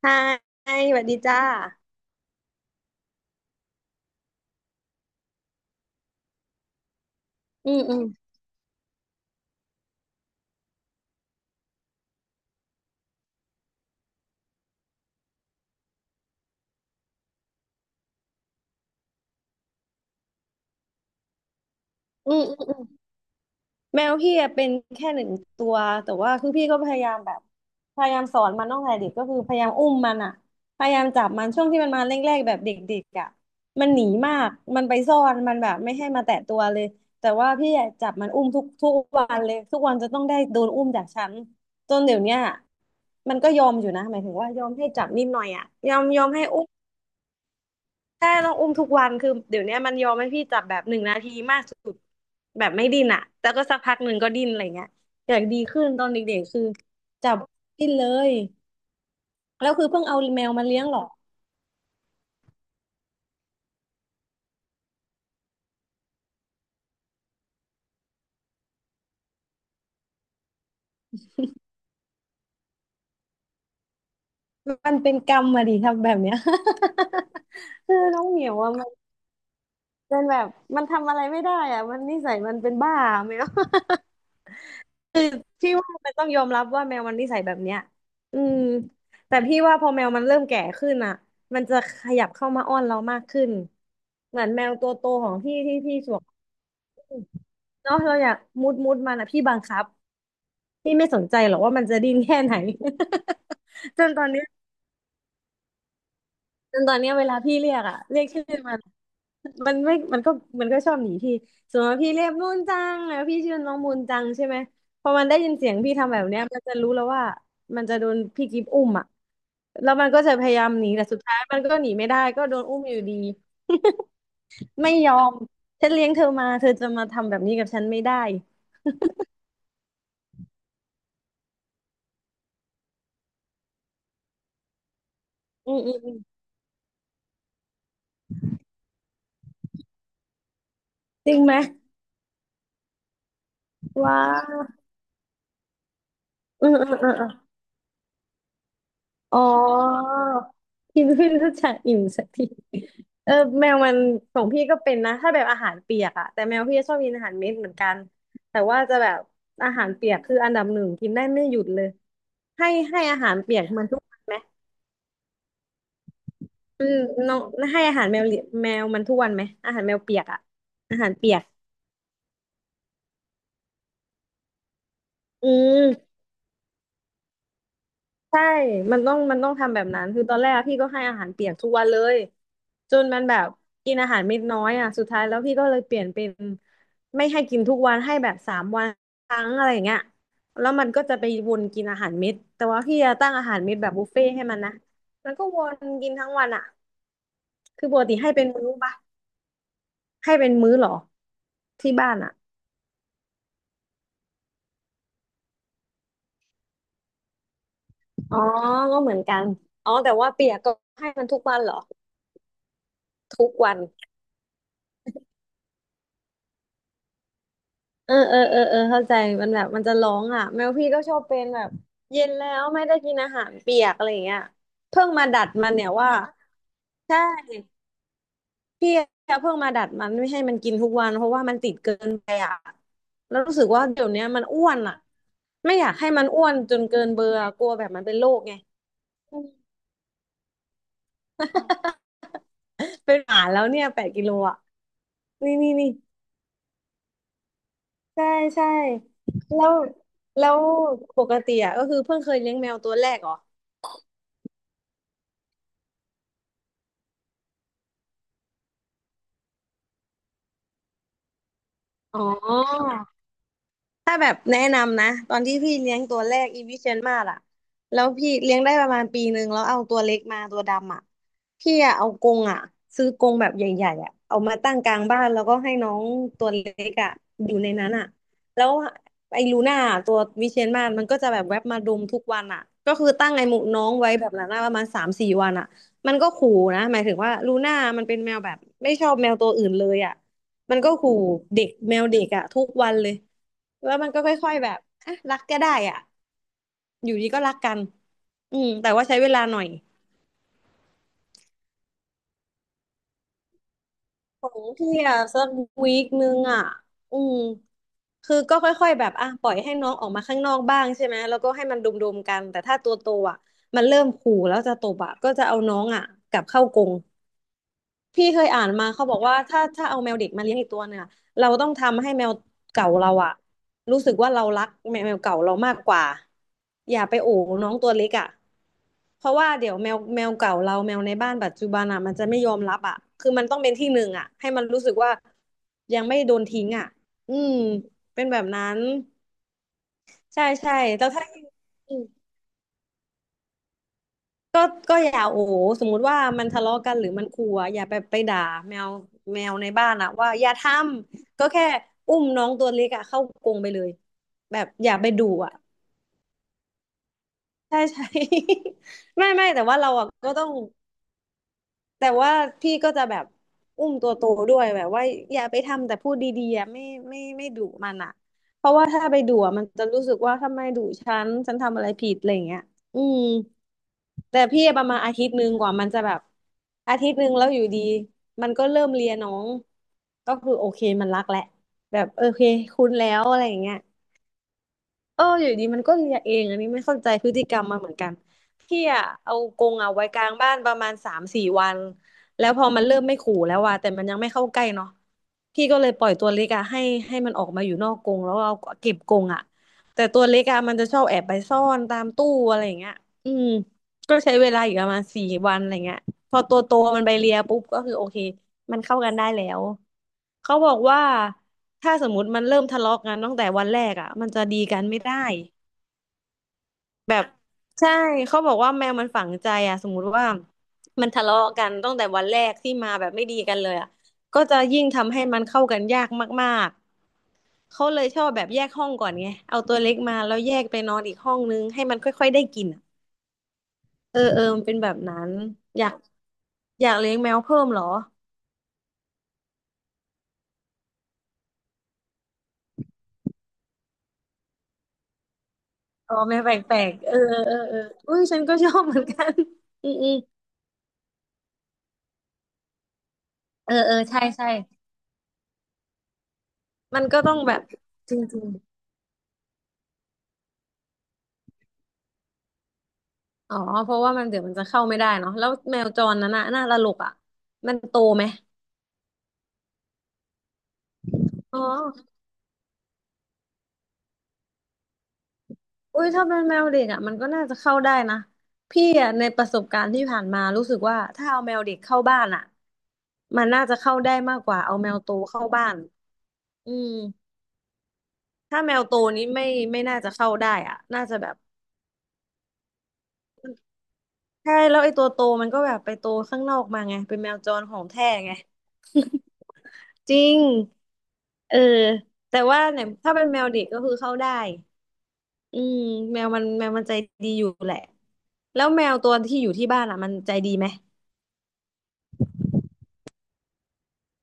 ใช่สวัสดีจ้าอืมอืมอืมอืมอืมแมวพี่อะเป็นแค่หนึ่งตัวแต่ว่าคือพี่ก็พยายามแบบพยายามสอนมันตั้งแต่เด็กก็คือพยายามอุ้มมันอะพยายามจับมันช่วงที่มันมาแรกๆแบบเด็กๆอะมันหนีมากมันไปซ่อนมันแบบไม่ให้มาแตะตัวเลยแต่ว่าพี่อะจับมันอุ้มทุกทุกวันเลยทุกวันจะต้องได้โดนอุ้มจากฉันจนเดี๋ยวเนี้ยมันก็ยอมอยู่นะหมายถึงว่ายอมให้จับนิดหน่อยอะยอมยอมให้อุ้ม ใช่ต้องอุ้มทุกวันคือเดี๋ยวเนี้ยมันยอมให้พี่จับแบบหนึ่งนาทีมากสุดแบบไม่ดิ้นอ่ะแต่ก็สักพักหนึ่งก็ดิ้นอะไรเงี้ยอยากดีขึ้นตอนเด็กๆคือจับดิ้นเลย แล้วคือเพิ่งเอาแมวมาเลี้ยงหรอมันเป็นกรรมมาดิทำแบบเนี้ย คือน้องเหมียวอ่ะมันเป็นแบบมันทำอะไรไม่ได้อ่ะมันนิสัยมันเป็นบ้าแมว คือพี่ว่ามันต้องยอมรับว่าแมวมันนิสัยแบบเนี้ยอืมแต่พี่ว่าพอแมวมันเริ่มแก่ขึ้นอ่ะมันจะขยับเข้ามาอ้อนเรามากขึ้นเหมือนแมวตัวโตของพี่ที่พี่สวมเนาะเราอยากมุดมุดมันอ่ะพี่บังคับพี่ไม่สนใจหรอกว่ามันจะดิ้นแค่ไหน จนตอนเนี้ยจนตอนเนี้ยเวลาพี่เรียกอ่ะเรียกชื่อมัน มันไม่มันก็มันก็ชอบหนีพี่สมมติว่าพี่เรียกมูนจังแล้วพี่ชื่อน้องมูนจังใช่ไหมพอมันได้ยินเสียงพี่ทำแบบเนี้ยมันจะรู้แล้วว่ามันจะโดนพี่กิฟอุ้มอ่ะแล้วมันก็จะพยายามหนีแต่สุดท้ายมันก็หนีไม่ได้ก็โดนอุ้มอยู่ดีไม่ยอมฉันเลี้ยงเธอมาเธอจะมาทำแบบนี้กับฉันไม่ได้อืมอืมอืมจริงไหมว้าอืมอืมอืม อ๋อพินเพิ่งรู้จักอิ่มสักทีเออแมวมันของพี่ก็เป็นนะถ้าแบบอาหารเปียกอะแต่แมวพี่ชอบกินอาหารเม็ดเหมือนกันแต่ว่าจะแบบอาหารเปียกคืออันดับหนึ่งกินได้ไม่หยุดเลยให้ให้อาหารเปียกมันทุกวันไหมอืมน้องให้อาหารแมวเหลีแมวมันทุกวันไหมอาหารแมวเปียกอะอาหารเปียกอืม ใช่มันต้องทำแบบนั้นคือตอนแรกอะพี่ก็ให้อาหารเปียกทุกวันเลยจนมันแบบกินอาหารเม็ดน้อยอ่ะสุดท้ายแล้วพี่ก็เลยเปลี่ยนเป็นไม่ให้กินทุกวันให้แบบ3 วันครั้งอะไรอย่างเงี้ยแล้วมันก็จะไปวนกินอาหารเม็ดแต่ว่าพี่จะตั้งอาหารเม็ดแบบบุฟเฟ่ต์ให้มันนะมันก็วนกินทั้งวันอ่ะคือปกติให้เป็นมื้อปะให้เป็นมื้อเหรอที่บ้านอ่ะอ๋อก็เหมือนกันอ๋อแต่ว่าเปียกก็ให้มันทุกวันเหรอทุกวัน เออเออเออเออเข้าใจมันแบบมันจะร้องอ่ะแมวพี่ก็ชอบเป็นแบบเย็นแล้วไม่ได้กินอาหารเปียกอะไรอย่างเงี้ยเพิ่งมาดัดมันเนี่ยว่าใช่พี่อะเพิ่งมาดัดมันไม่ให้มันกินทุกวันเพราะว่ามันติดเกินไปอ่ะแล้วรู้สึกว่าเดี๋ยวเนี้ยมันอ้วนอ่ะไม่อยากให้มันอ้วนจนเกินเบอร์อะกลัวแบบมันเป็นโรคไง เป็นหมาแล้วเนี่ย8 กิโลอ่ะนี่นี่นี่ใช่ใช่แล้วแล้วปกติอ่ะก็คือเพิ่งเคยเลี้ยงแมวตัวแรกเหรออ๋อ ถ้าแบบแนะนำนะตอนที่พี่เลี้ยงตัวแรกอีวิเชียนมาศอะแล้วพี่เลี้ยงได้ประมาณปีหนึ่งแล้วเอาตัวเล็กมาตัวดำอะพี่อะเอากรงอะซื้อกรงแบบใหญ่ๆอะเอามาตั้งกลางบ้านแล้วก็ให้น้องตัวเล็กอะอยู่ในนั้นอะแล้วไอ้ลูน่าตัววิเชียนมาศมันก็จะแบบแวบมาดมทุกวันอะก็คือตั้งไอ้หมูน้องไว้แบบนั้นอะประมาณ3-4 วันอะมันก็ขู่นะหมายถึงว่าลูน่ามันเป็นแมวแบบไม่ชอบแมวตัวอื่นเลยอะมันก็ขู่เด็กแมวเด็กอะทุกวันเลย แล้วมันก็ค่อยๆแบบอ่ะรักก็ได้อ่ะอยู่ดีก็รักกันอืมแต่ว่าใช้เวลาหน่อยของพี่อ่ะสักวีคนึงอ่ะอืมคือก็ค่อยๆแบบอ่ะปล่อยให้น้องออกมาข้างนอกบ้างใช่ไหมแล้วก็ให้มันดุมๆกันแต่ถ้าตัวโตอ่ะมันเริ่มขู่แล้วจะตบอ่ะก็จะเอาน้องอ่ะกลับเข้ากรง พี่เคยอ่านมาเขาบอกว่าถ้าเอาแมวเด็กมาเลี้ยงอีกตัวเนี่ยเราต้องทำให้แมวเก่าเราอะรู้สึกว่าเรารักแมวเก่าเรามากกว่าอย่าไปโอ๋น้องตัวเล็กอะเพราะว่าเดี๋ยวแมวเก่าเราแมวในบ้านปัจจุบันอะมันจะไม่ยอมรับอะคือมันต้องเป็นที่หนึ่งอะให้มันรู้สึกว่ายังไม่โดนทิ้งอะอืมเป็นแบบนั้นใช่ใช่แล้วถ้า ก็ก็อย่าโอ้โหสมมุติว่ามันทะเลาะกันหรือมันขู่อะอย่าไปด่าแมวแมวในบ้านอะว่าอย่าทำ ก็แค่อุ้มน้องตัวเล็กอะเข้ากรงไปเลย แบบอย่าไปดุอะใช่ใช่ ไม่แต่ว่าเราอะก็ต้อง แต่ว่าพี่ก็จะแบบอุ้มตัวโตด้วยแบบว่าอย่าไปทำแต่พูดดีๆอะไม่ไม่ดุมันอ่ะเพราะว่าถ้าไปดุอะมันจะรู้สึกว่าทำไมดุฉันฉันทำอะไรผิดอะไรอย่างเงี้ยอืมแต่พี่ประมาณอาทิตย์หนึ่งกว่ามันจะแบบอาทิตย์หนึ่งแล้วอยู่ดีมันก็เริ่มเลียน้องก็คือโอเคมันรักแหละแบบโอเคคุ้นแล้วอะไรอย่างเงี้ย เอออยู่ดีมันก็เลียเองอันนี้ไม่เข้าใจพฤติกรรมมาเหมือนกันพี่อะเอากรงอะไว้กลางบ้านประมาณสามสี่วันแล้วพอมันเริ่มไม่ขู่แล้วว่ะแต่มันยังไม่เข้าใกล้เนาะพี่ก็เลยปล่อยตัวเล็กอะให้ให้มันออกมาอยู่นอกกรงแล้วเอาเก็บกรงอะแต่ตัวเล็กอะมันจะชอบแอบไปซ่อนตามตู้อะไรอย่างเงี้ยอืมก็ใช้เวลาอยู่ประมาณสี่วันอะไรเงี้ยพอตัวโตมันไปเลียปุ๊บก็คือโอเค มันเข้ากันได้แล้วเขาบอกว่าถ้าสมมติมันเริ่มทะเลาะกันตั้งแต่วันแรกอ่ะมันจะดีกันไม่ได้แบบใช่เขาบอกว่าแมวมันฝังใจอ่ะสมมุติว่ามันทะเลาะกันตั้งแต่วันแรกที่มาแบบไม่ดีกันเลยอ่ะก็จะยิ่งทำให้มันเข้ากันยากมากๆเขาเลยชอบแบบแยกห้องก่อนไงเอาตัวเล็กมาแล้วแยกไปนอนอีกห้องนึงให้มันค่อยๆได้กินอะเออเออมันเป็นแบบนั้นอยากอยากเลี้ยงแมวเพิ่มเหรอ อ๋อแม่แปลกๆเอออุ้ยฉันก็ชอบเหมือนกันอืมอืมเออใช่ใช่มันก็ต้องแบบจริงๆอ๋อเพราะว่ามันเดี๋ยวมันจะเข้าไม่ได้เนาะแล้วแมวจรนั้นน่ะน่าตลกอ่ะมันโตไหมอ๋ออุ้ยถ้าเป็นแมวเด็กอ่ะมันก็น่าจะเข้าได้นะพี่อ่ะในประสบการณ์ที่ผ่านมารู้สึกว่าถ้าเอาแมวเด็กเข้าบ้านอ่ะมันน่าจะเข้าได้มากกว่าเอาแมวโตเข้าบ้านอืมถ้าแมวโตนี้ไม่น่าจะเข้าได้อ่ะน่าจะแบบ ใช่แล้วไอ้ตัวโตมันก็แบบไปโตข้างนอกมาไงเป็นแมวจรของแท้ไงจริงเออแต่ว่าเนี่ยถ้าเป็นแมวเด็กก็คือเข้าได้อืมแมวมันแมวมันใจดีอยู่แหละแล้วแมวตัวที่อยู่ที่บ้านอ่ะมันใจดีไหม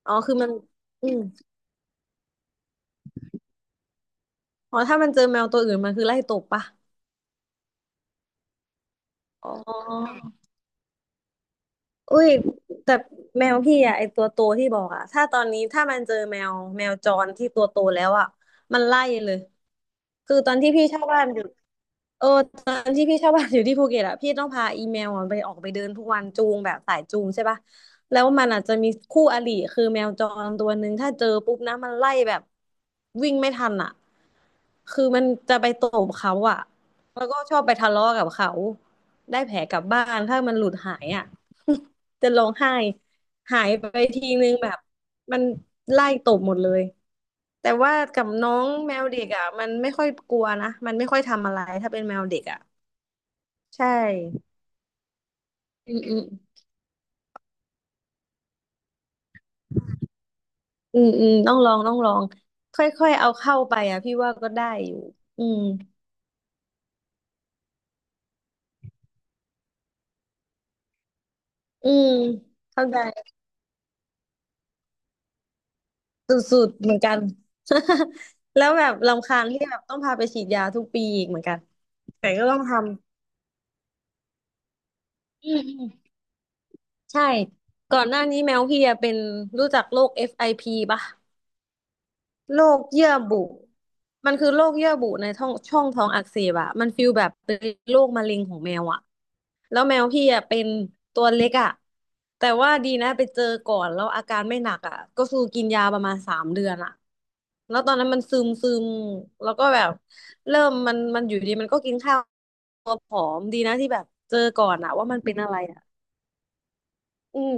อ๋อคือมันอืมอ๋อถ้ามันเจอแมวตัวอื่นมันคือไล่ตบปะอ๋อ อุ้ยแต่แมวพี่อะไอตัวโตที่บอกอะถ้าตอนนี้ถ้ามันเจอแมวจรที่ตัวโตแล้วอะมันไล่เลยคือตอนที่พี่เช่าบ้านอยู่เออตอนที่พี่เช่าบ้านอยู่ที่ภูเก็ตอะพี่ต้องพาอีแมวอะไปออกไปเดินทุกวันจูงแบบสายจูงใช่ปะแล้วมันอาจจะมีคู่อริคือแมวจรตัวหนึ่งถ้าเจอปุ๊บนะมันไล่แบบวิ่งไม่ทันอะคือมันจะไปตบเขาอะแล้วก็ชอบไปทะเลาะกับเขาได้แผลกลับบ้านถ้ามันหลุดหายอะ จะร้องไห้หายไปทีนึงแบบมันไล่ตบหมดเลยแต่ว่ากับน้องแมวเด็กอ่ะมันไม่ค่อยกลัวนะมันไม่ค่อยทำอะไรถ้าเป็นแมวเด็กอ่ะใช่อืมอืมอืมต้องลองต้องลองค่อยๆเอาเข้าไปอ่ะพี่ว่าก็ได้อยู่อืมอืมเข้าใจสุดๆเหมือนกัน แล้วแบบรำคาญที่แบบต้องพาไปฉีดยาทุกปีอีกเหมือนกันแต่ก็ต้องทำอืม ใช่ก่อนหน้านี้แมวพี่อะเป็นรู้จักโรค FIP ปะโรคเยื่อบุมันคือโรคเยื่อบุในท้องช่องท้องอักเสบอะมันฟีลแบบเป็นโรคมะเร็งของแมวอะแล้วแมวพี่อะเป็นตัวเล็กอะแต่ว่าดีนะไปเจอก่อนแล้วอาการไม่หนักอะก็คือกินยาประมาณสามเดือนอะแล้วตอนนั้นมันซึมซึมแล้วก็แบบเริ่มมันอยู่ดีมันก็กินข้าวตัวผอมดีนะที่แบบเจอก่อนอะว่ามันเป็นอะไรอะอืม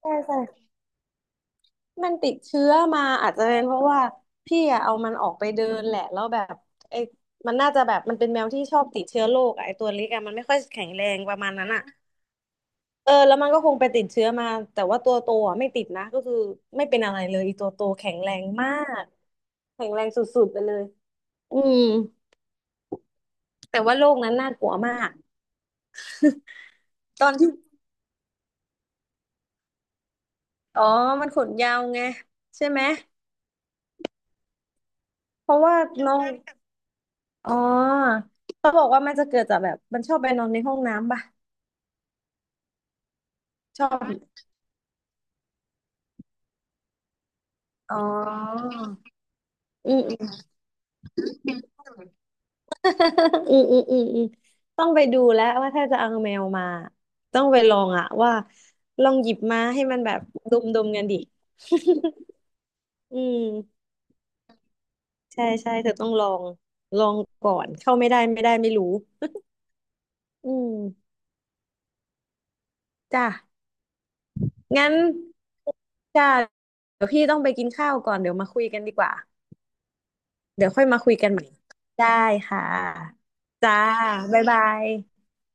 ใช่ใช่ มันติดเชื้อมาอาจจะเป็นเพราะว่าพี่อะเอามันออกไปเดินแหละแล้วแบบไอ้มันน่าจะแบบมันเป็นแมวที่ชอบติดเชื้อโรคอะไอ้ตัวเล็กอะมันไม่ค่อยแข็งแรงประมาณนั้นอะเออแล้วมันก็คงไปติดเชื้อมาแต่ว่าตัวโตอะไม่ติดนะก็คือไม่เป็นอะไรเลยอีตัวโตแข็งแรงมากแข็งแรงสุดๆไปเลยอืมแต่ว่าโรคนั้นน่ากลัวมากตอนที่อ๋อมันขนยาวไงใช่ไหมเพราะว่าน้องอ๋อเขาบอกว่ามันจะเกิดจากแบบมันชอบไปนอนในห้องน้ำปะ ชอบอ๋ออืมอืมอืมต้องไปดูแล้วว่าถ้าจะเอาแมวมาต้องไปลองอะว่าลองหยิบมาให้มันแบบดมกันดิ อืมใช่ใช่เธอต้องลองลองก่อนเข้าไม่ได้ไม่ได้ไม่รู้อืมจ้ะงั้นจ้ะเดี๋ยวพี่ต้องไปกินข้าวก่อนเดี๋ยวมาคุยกันดีกว่าเดี๋ยวค่อยมาคุยกันใหม่ได้ค่ะจ้าบ๊ายบาย